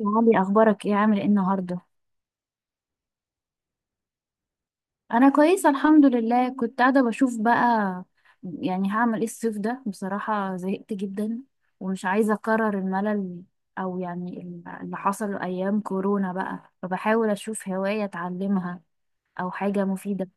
يا علي، اخبارك ايه؟ عامل ايه النهارده؟ انا كويسه الحمد لله. كنت قاعده بشوف بقى. يعني هعمل ايه الصيف ده؟ بصراحه زهقت جدا ومش عايزه اكرر الملل، او يعني اللي حصل ايام كورونا، بقى فبحاول اشوف هوايه اتعلمها او حاجه مفيده.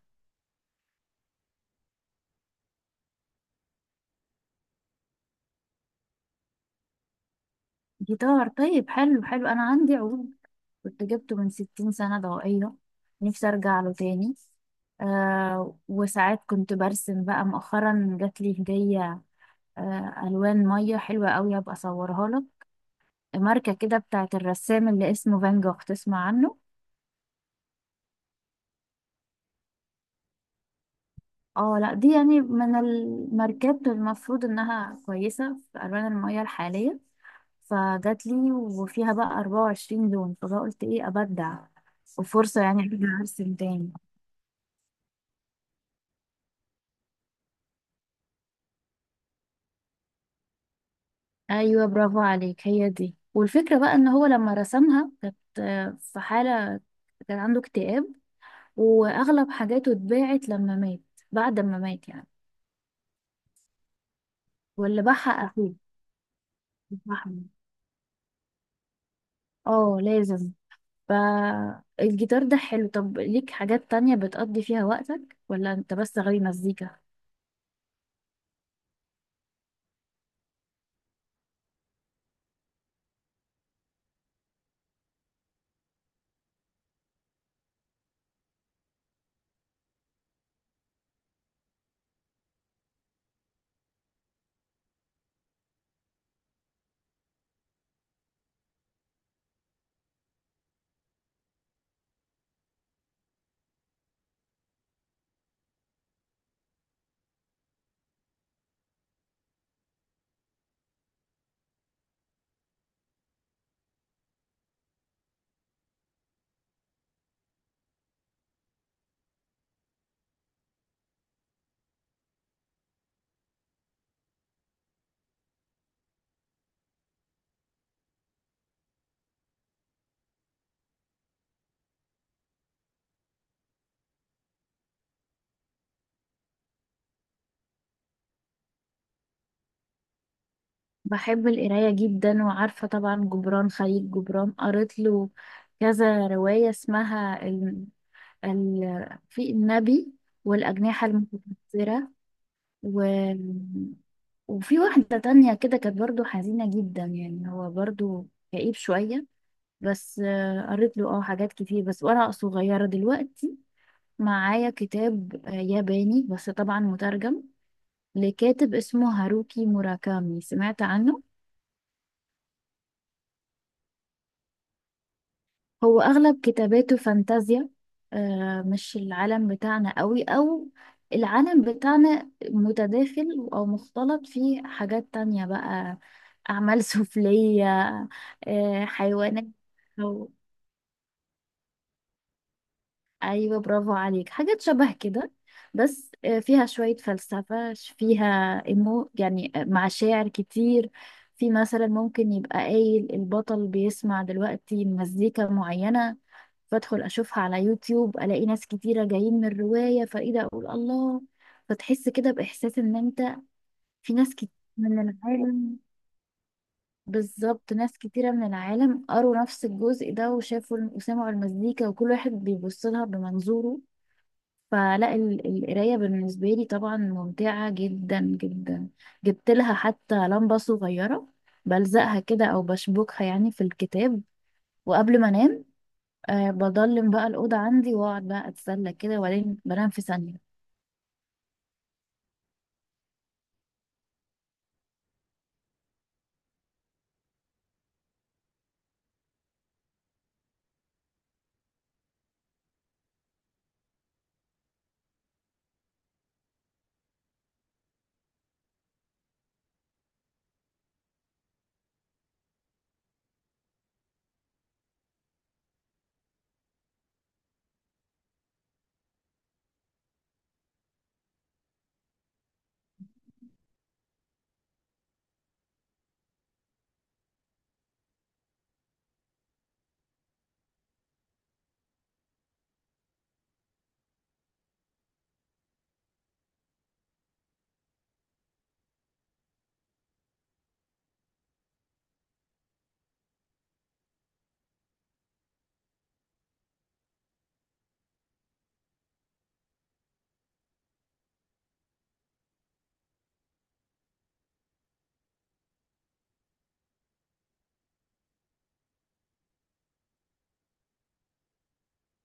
جيتار؟ طيب، حلو حلو، انا عندي عود كنت جبته من 60 سنه ضوئيه. نفسي ارجع له تاني. آه، وساعات كنت برسم بقى مؤخرا، جات لي هديه. الوان ميه حلوه قوي، هبقى اصورها لك. ماركه كده بتاعت الرسام اللي اسمه فان جوخ، تسمع عنه؟ اه لا، دي يعني من الماركات المفروض انها كويسه في الوان الميه الحاليه. فجات لي وفيها بقى 24 لون، فبقى قلت ايه؟ ابدع، وفرصه يعني ارجع ارسم تاني. ايوه، برافو عليك، هي دي. والفكره بقى ان هو لما رسمها كانت في حاله، كان عنده اكتئاب. واغلب حاجاته اتباعت لما مات، بعد ما مات يعني. ولا بحق اخوه، بحقه. اه، لازم. ف الجيتار ده حلو. طب ليك حاجات تانية بتقضي فيها وقتك، ولا انت بس غاوي مزيكا؟ بحب القراية جدا، وعارفة طبعا جبران خليل جبران، قريت له كذا رواية اسمها في النبي والأجنحة المتكسرة، و... وفي واحدة تانية كده كانت برضو حزينة جدا، يعني هو برضو كئيب شوية. بس قريت له حاجات كتير. بس ورقة صغيرة دلوقتي معايا كتاب ياباني، بس طبعا مترجم، لكاتب اسمه هاروكي موراكامي. سمعت عنه؟ هو أغلب كتاباته فانتازيا، مش العالم بتاعنا قوي، أو العالم بتاعنا متداخل أو مختلط، فيه حاجات تانية بقى. أعمال سفلية، حيوانات. ايوه، برافو عليك، حاجات شبه كده. بس فيها شوية فلسفة، فيها إيمو يعني، مع شاعر كتير. في مثلا ممكن يبقى قايل البطل بيسمع دلوقتي مزيكا معينة، فادخل اشوفها على يوتيوب، الاقي ناس كتيرة جايين من الرواية، فايه ده؟ اقول الله. فتحس كده باحساس ان انت في ناس كتير من العالم، بالظبط، ناس كتيرة من العالم قروا نفس الجزء ده وشافوا وسمعوا المزيكا، وكل واحد بيبص لها بمنظوره. فلا القراية بالنسبة لي طبعا ممتعة جدا جدا، جبت لها حتى لمبة صغيرة بلزقها كده أو بشبكها يعني في الكتاب، وقبل ما أنام بضلم بقى الأوضة عندي وأقعد بقى أتسلى كده، وبعدين بنام في ثانية.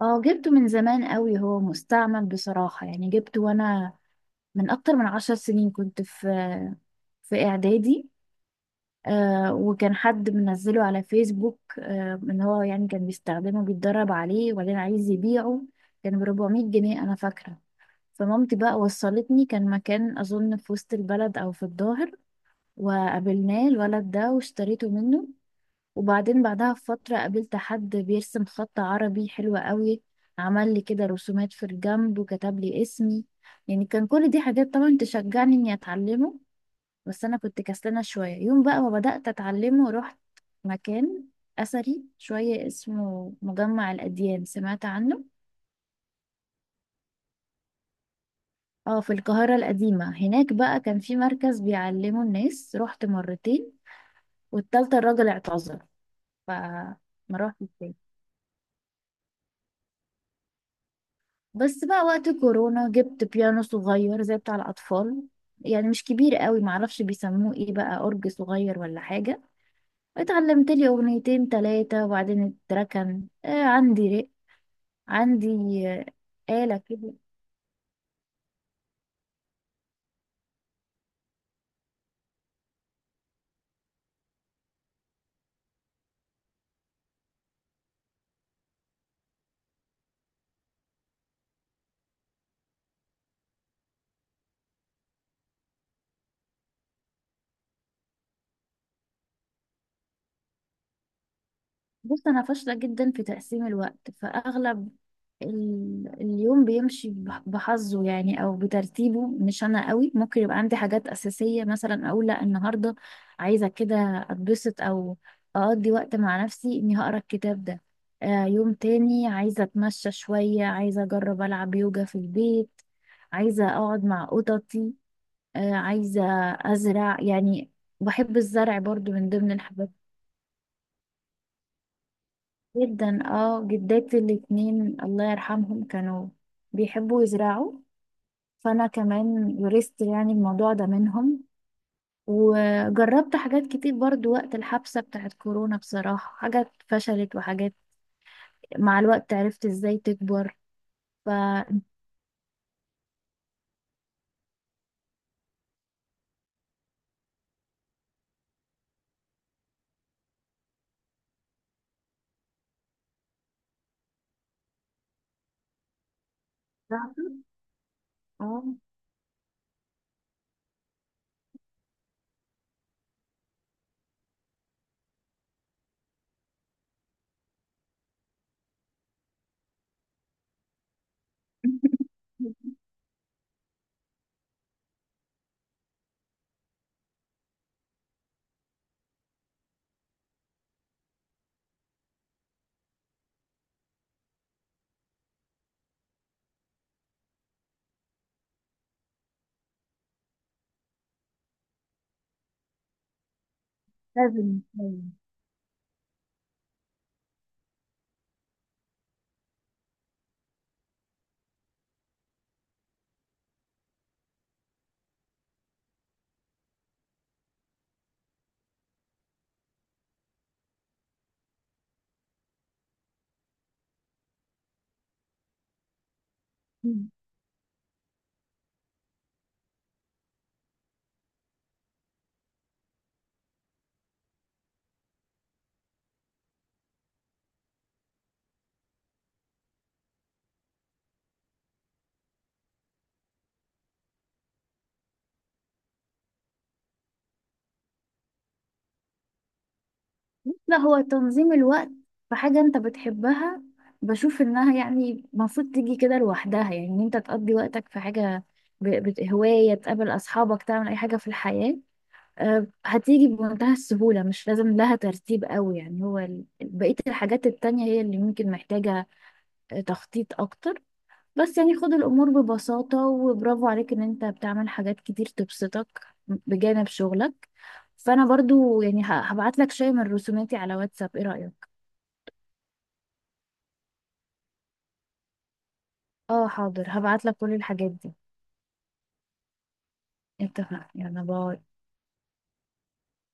اه، جبته من زمان قوي، هو مستعمل بصراحة. يعني جبته وأنا من أكتر من 10 سنين، كنت في إعدادي. وكان حد منزله على فيسبوك، ان هو يعني كان بيستخدمه بيتدرب عليه، وبعدين عايز يبيعه. كان ب 400 جنيه انا فاكره. فمامتي بقى وصلتني، كان مكان اظن في وسط البلد او في الظاهر، وقابلناه الولد ده واشتريته منه. وبعدين بعدها بفتره قابلت حد بيرسم خط عربي حلو قوي، عمل لي كده رسومات في الجنب وكتب لي اسمي. يعني كان كل دي حاجات طبعا تشجعني اني اتعلمه. بس انا كنت كسلانه شويه. يوم بقى ما بدات اتعلمه، رحت مكان اثري شويه اسمه مجمع الاديان. سمعت عنه؟ اه، في القاهره القديمه، هناك بقى كان في مركز بيعلموا الناس. رحت مرتين، والتالتة الراجل اعتذر، فما روحتش تاني. بس بقى وقت كورونا جبت بيانو صغير زي بتاع الاطفال، يعني مش كبير قوي، معرفش بيسموه ايه بقى، اورج صغير ولا حاجه. اتعلمت لي اغنيتين تلاتة وبعدين اتركن. عندي رق، عندي آلة كده. بص، أنا فاشلة جدا في تقسيم الوقت. فأغلب اليوم بيمشي بحظه يعني، أو بترتيبه، مش أنا قوي. ممكن يبقى عندي حاجات أساسية مثلا، أقول لأ النهاردة عايزة كده أتبسط، أو أقضي وقت مع نفسي إني هقرأ الكتاب ده. يوم تاني عايزة أتمشى شوية، عايزة أجرب ألعب يوجا في البيت، عايزة أقعد مع قططي، عايزة أزرع يعني. بحب الزرع برضو من ضمن الحاجات جدا. اه جداتي الاتنين الله يرحمهم كانوا بيحبوا يزرعوا، فانا كمان ورثت يعني الموضوع ده منهم. وجربت حاجات كتير برضو وقت الحبسة بتاعت كورونا بصراحة، حاجات فشلت، وحاجات مع الوقت عرفت ازاي تكبر. ف اه لازم لازم. لا، هو تنظيم الوقت في حاجة انت بتحبها، بشوف انها يعني المفروض تيجي كده لوحدها. يعني ان انت تقضي وقتك في حاجة، هواية، تقابل اصحابك، تعمل اي حاجة في الحياة، هتيجي بمنتهى السهولة. مش لازم لها ترتيب قوي. يعني هو بقية الحاجات التانية هي اللي ممكن محتاجة تخطيط اكتر. بس يعني خد الامور ببساطة، وبرافو عليك ان انت بتعمل حاجات كتير تبسطك بجانب شغلك. فانا برضو يعني هبعت لك شيء من رسوماتي على واتساب، ايه رأيك؟ اه حاضر، هبعت لك كل الحاجات دي. اتفقنا، يلا باي.